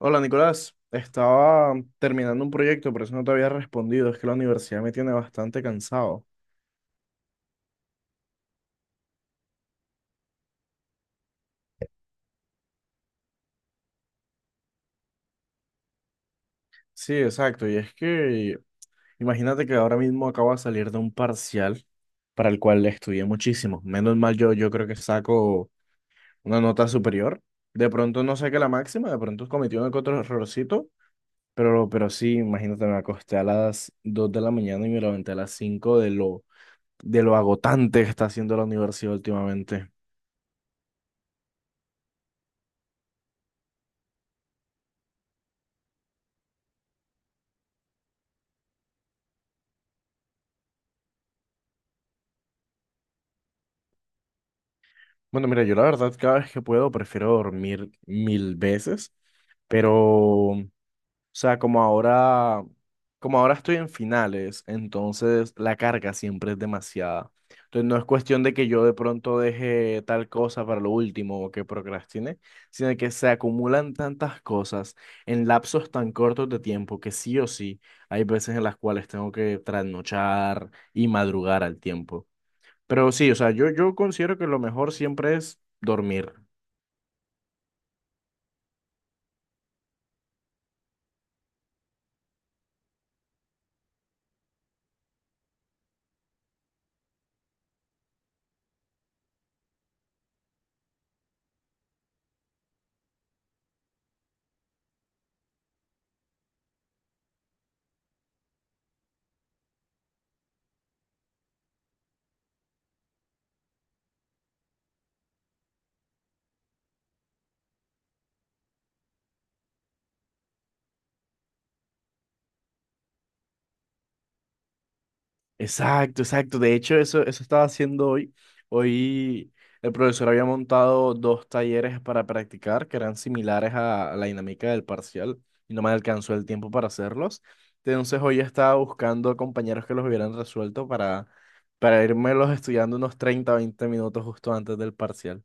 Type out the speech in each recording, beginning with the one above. Hola Nicolás, estaba terminando un proyecto, por eso no te había respondido. Es que la universidad me tiene bastante cansado. Sí, exacto. Y es que imagínate que ahora mismo acabo de salir de un parcial para el cual estudié muchísimo. Menos mal yo creo que saco una nota superior. De pronto no saqué la máxima, de pronto cometí uno que otro errorcito, pero sí, imagínate, me acosté a las 2 de la mañana y me levanté a las 5 de lo agotante que está haciendo la universidad últimamente. Bueno, mira, yo la verdad cada vez que puedo prefiero dormir mil veces, pero, o sea, como ahora estoy en finales, entonces la carga siempre es demasiada. Entonces no es cuestión de que yo de pronto deje tal cosa para lo último o que procrastine, sino que se acumulan tantas cosas en lapsos tan cortos de tiempo que sí o sí hay veces en las cuales tengo que trasnochar y madrugar al tiempo. Pero sí, o sea, yo considero que lo mejor siempre es dormir. Exacto, exacto. De hecho, eso estaba haciendo hoy. Hoy el profesor había montado dos talleres para practicar que eran similares a la dinámica del parcial y no me alcanzó el tiempo para hacerlos. Entonces hoy estaba buscando compañeros que los hubieran resuelto para los estudiando unos 30 20 minutos justo antes del parcial.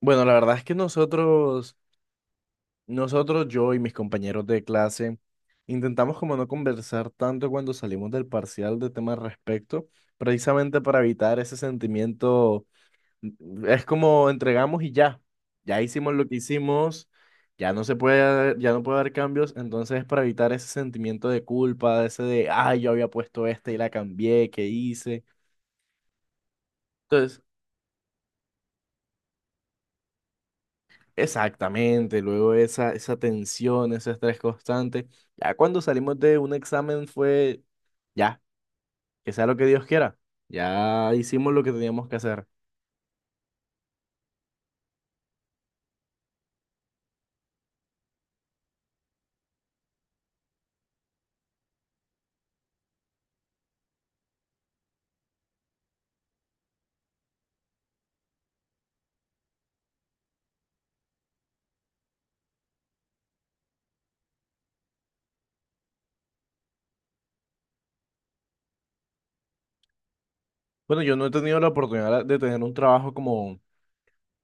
Bueno, la verdad es que Nosotros, yo y mis compañeros de clase, intentamos como no conversar tanto cuando salimos del parcial de temas al respecto, precisamente para evitar ese sentimiento. Es como entregamos y ya, hicimos lo que hicimos, ya no se puede, ya no puede haber cambios, entonces para evitar ese sentimiento de culpa, ese de, ay, yo había puesto este y la cambié, ¿qué hice? Entonces, exactamente, luego esa tensión, ese estrés constante. Ya cuando salimos de un examen fue, ya, que sea lo que Dios quiera, ya hicimos lo que teníamos que hacer. Bueno, yo no he tenido la oportunidad de tener un trabajo como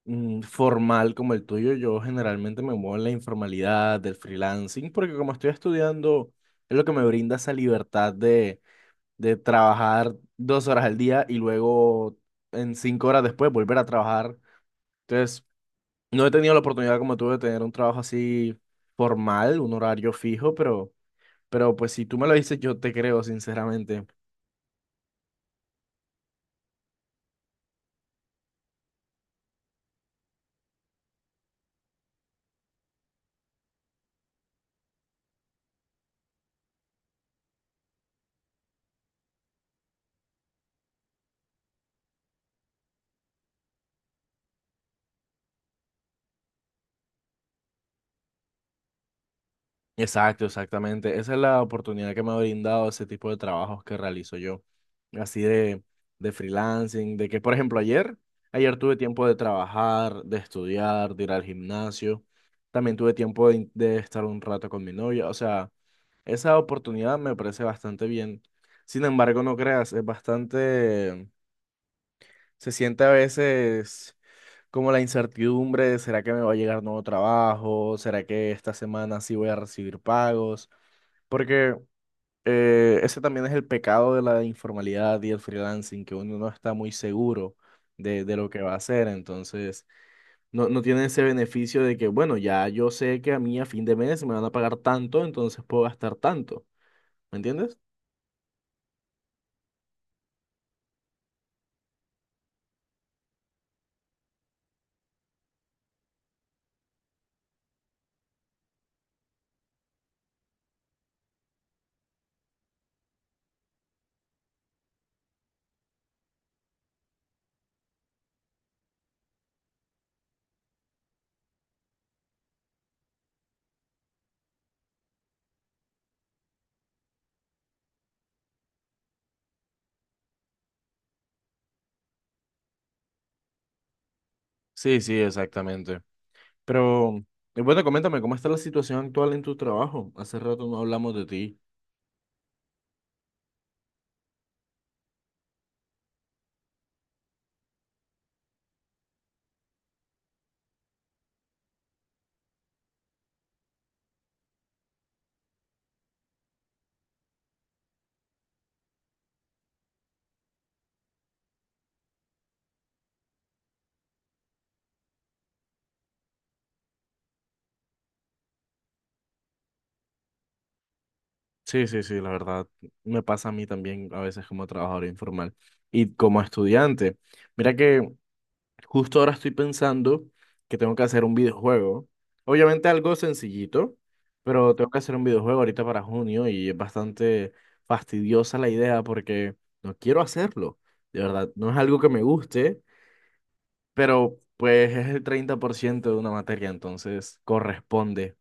formal como el tuyo, yo generalmente me muevo en la informalidad, del freelancing, porque como estoy estudiando, es lo que me brinda esa libertad de, trabajar 2 horas al día y luego en 5 horas después volver a trabajar. Entonces, no he tenido la oportunidad como tú de tener un trabajo así formal, un horario fijo, pero, pues si tú me lo dices, yo te creo, sinceramente. Exacto, exactamente. Esa es la oportunidad que me ha brindado ese tipo de trabajos que realizo yo, así de, freelancing, de que, por ejemplo, ayer tuve tiempo de trabajar, de estudiar, de ir al gimnasio, también tuve tiempo de estar un rato con mi novia, o sea, esa oportunidad me parece bastante bien. Sin embargo, no creas, es bastante. Se siente a veces como la incertidumbre de ¿será que me va a llegar nuevo trabajo? ¿Será que esta semana sí voy a recibir pagos? Porque ese también es el pecado de la informalidad y el freelancing, que uno no está muy seguro de lo que va a hacer. Entonces, no tiene ese beneficio de que, bueno, ya yo sé que a mí a fin de mes me van a pagar tanto, entonces puedo gastar tanto. ¿Me entiendes? Sí, sí, exactamente. Pero, y bueno, coméntame, ¿cómo está la situación actual en tu trabajo? Hace rato no hablamos de ti. Sí, sí, sí, la verdad, me pasa a mí también a veces como trabajador informal y como estudiante. Mira que justo ahora estoy pensando que tengo que hacer un videojuego. Obviamente algo sencillito, pero tengo que hacer un videojuego ahorita para junio y es bastante fastidiosa la idea porque no quiero hacerlo. De verdad, no es algo que me guste, pero pues es el 30% de una materia, entonces corresponde.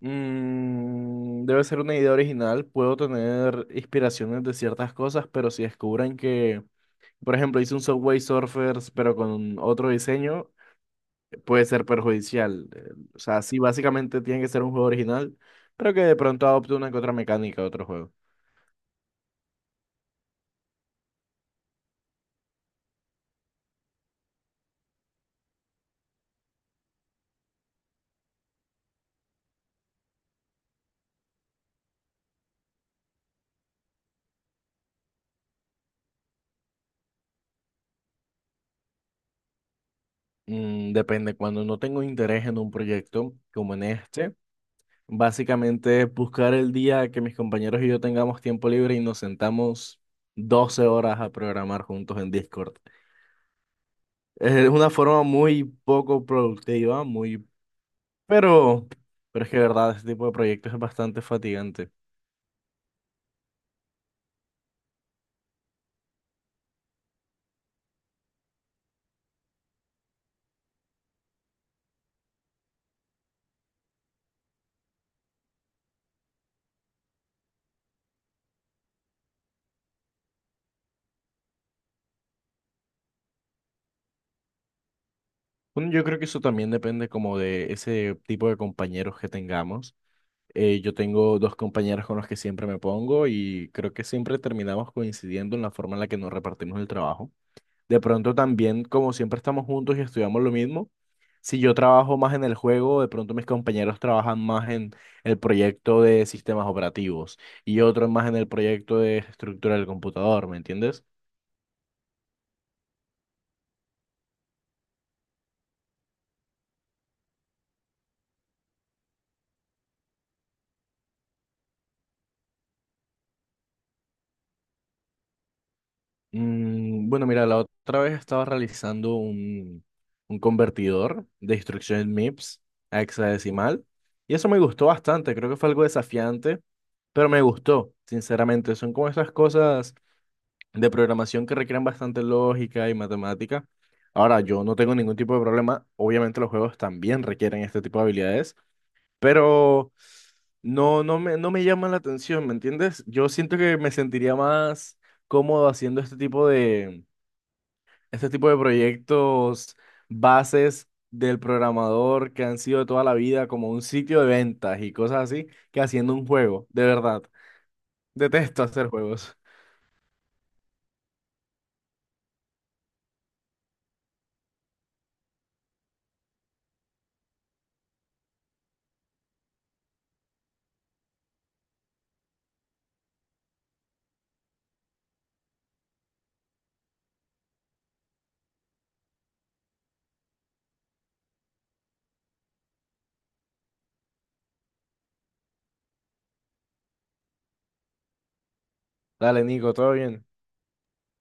Debe ser una idea original, puedo tener inspiraciones de ciertas cosas, pero si descubren que, por ejemplo, hice un Subway Surfers, pero con otro diseño, puede ser perjudicial. O sea, sí, básicamente tiene que ser un juego original, pero que de pronto adopte una que otra mecánica de otro juego. Depende, cuando no tengo interés en un proyecto como en este. Básicamente es buscar el día que mis compañeros y yo tengamos tiempo libre y nos sentamos 12 horas a programar juntos en Discord. Es una forma muy poco productiva, muy... Pero, pero es que de verdad, ese tipo de proyectos es bastante fatigante. Bueno, yo creo que eso también depende como de ese tipo de compañeros que tengamos. Yo tengo dos compañeros con los que siempre me pongo y creo que siempre terminamos coincidiendo en la forma en la que nos repartimos el trabajo. De pronto también, como siempre estamos juntos y estudiamos lo mismo, si yo trabajo más en el juego, de pronto mis compañeros trabajan más en el proyecto de sistemas operativos y otros más en el proyecto de estructura del computador, ¿me entiendes? Bueno, mira, la otra vez estaba realizando un convertidor de instrucciones MIPS a hexadecimal y eso me gustó bastante, creo que fue algo desafiante, pero me gustó, sinceramente, son como esas cosas de programación que requieren bastante lógica y matemática. Ahora, yo no tengo ningún tipo de problema. Obviamente los juegos también requieren este tipo de habilidades, pero no me llama la atención, ¿me entiendes? Yo siento que me sentiría más cómodo haciendo este tipo de proyectos bases del programador que han sido de toda la vida, como un sitio de ventas y cosas así, que haciendo un juego, de verdad. Detesto hacer juegos. Dale, Nico, todo bien.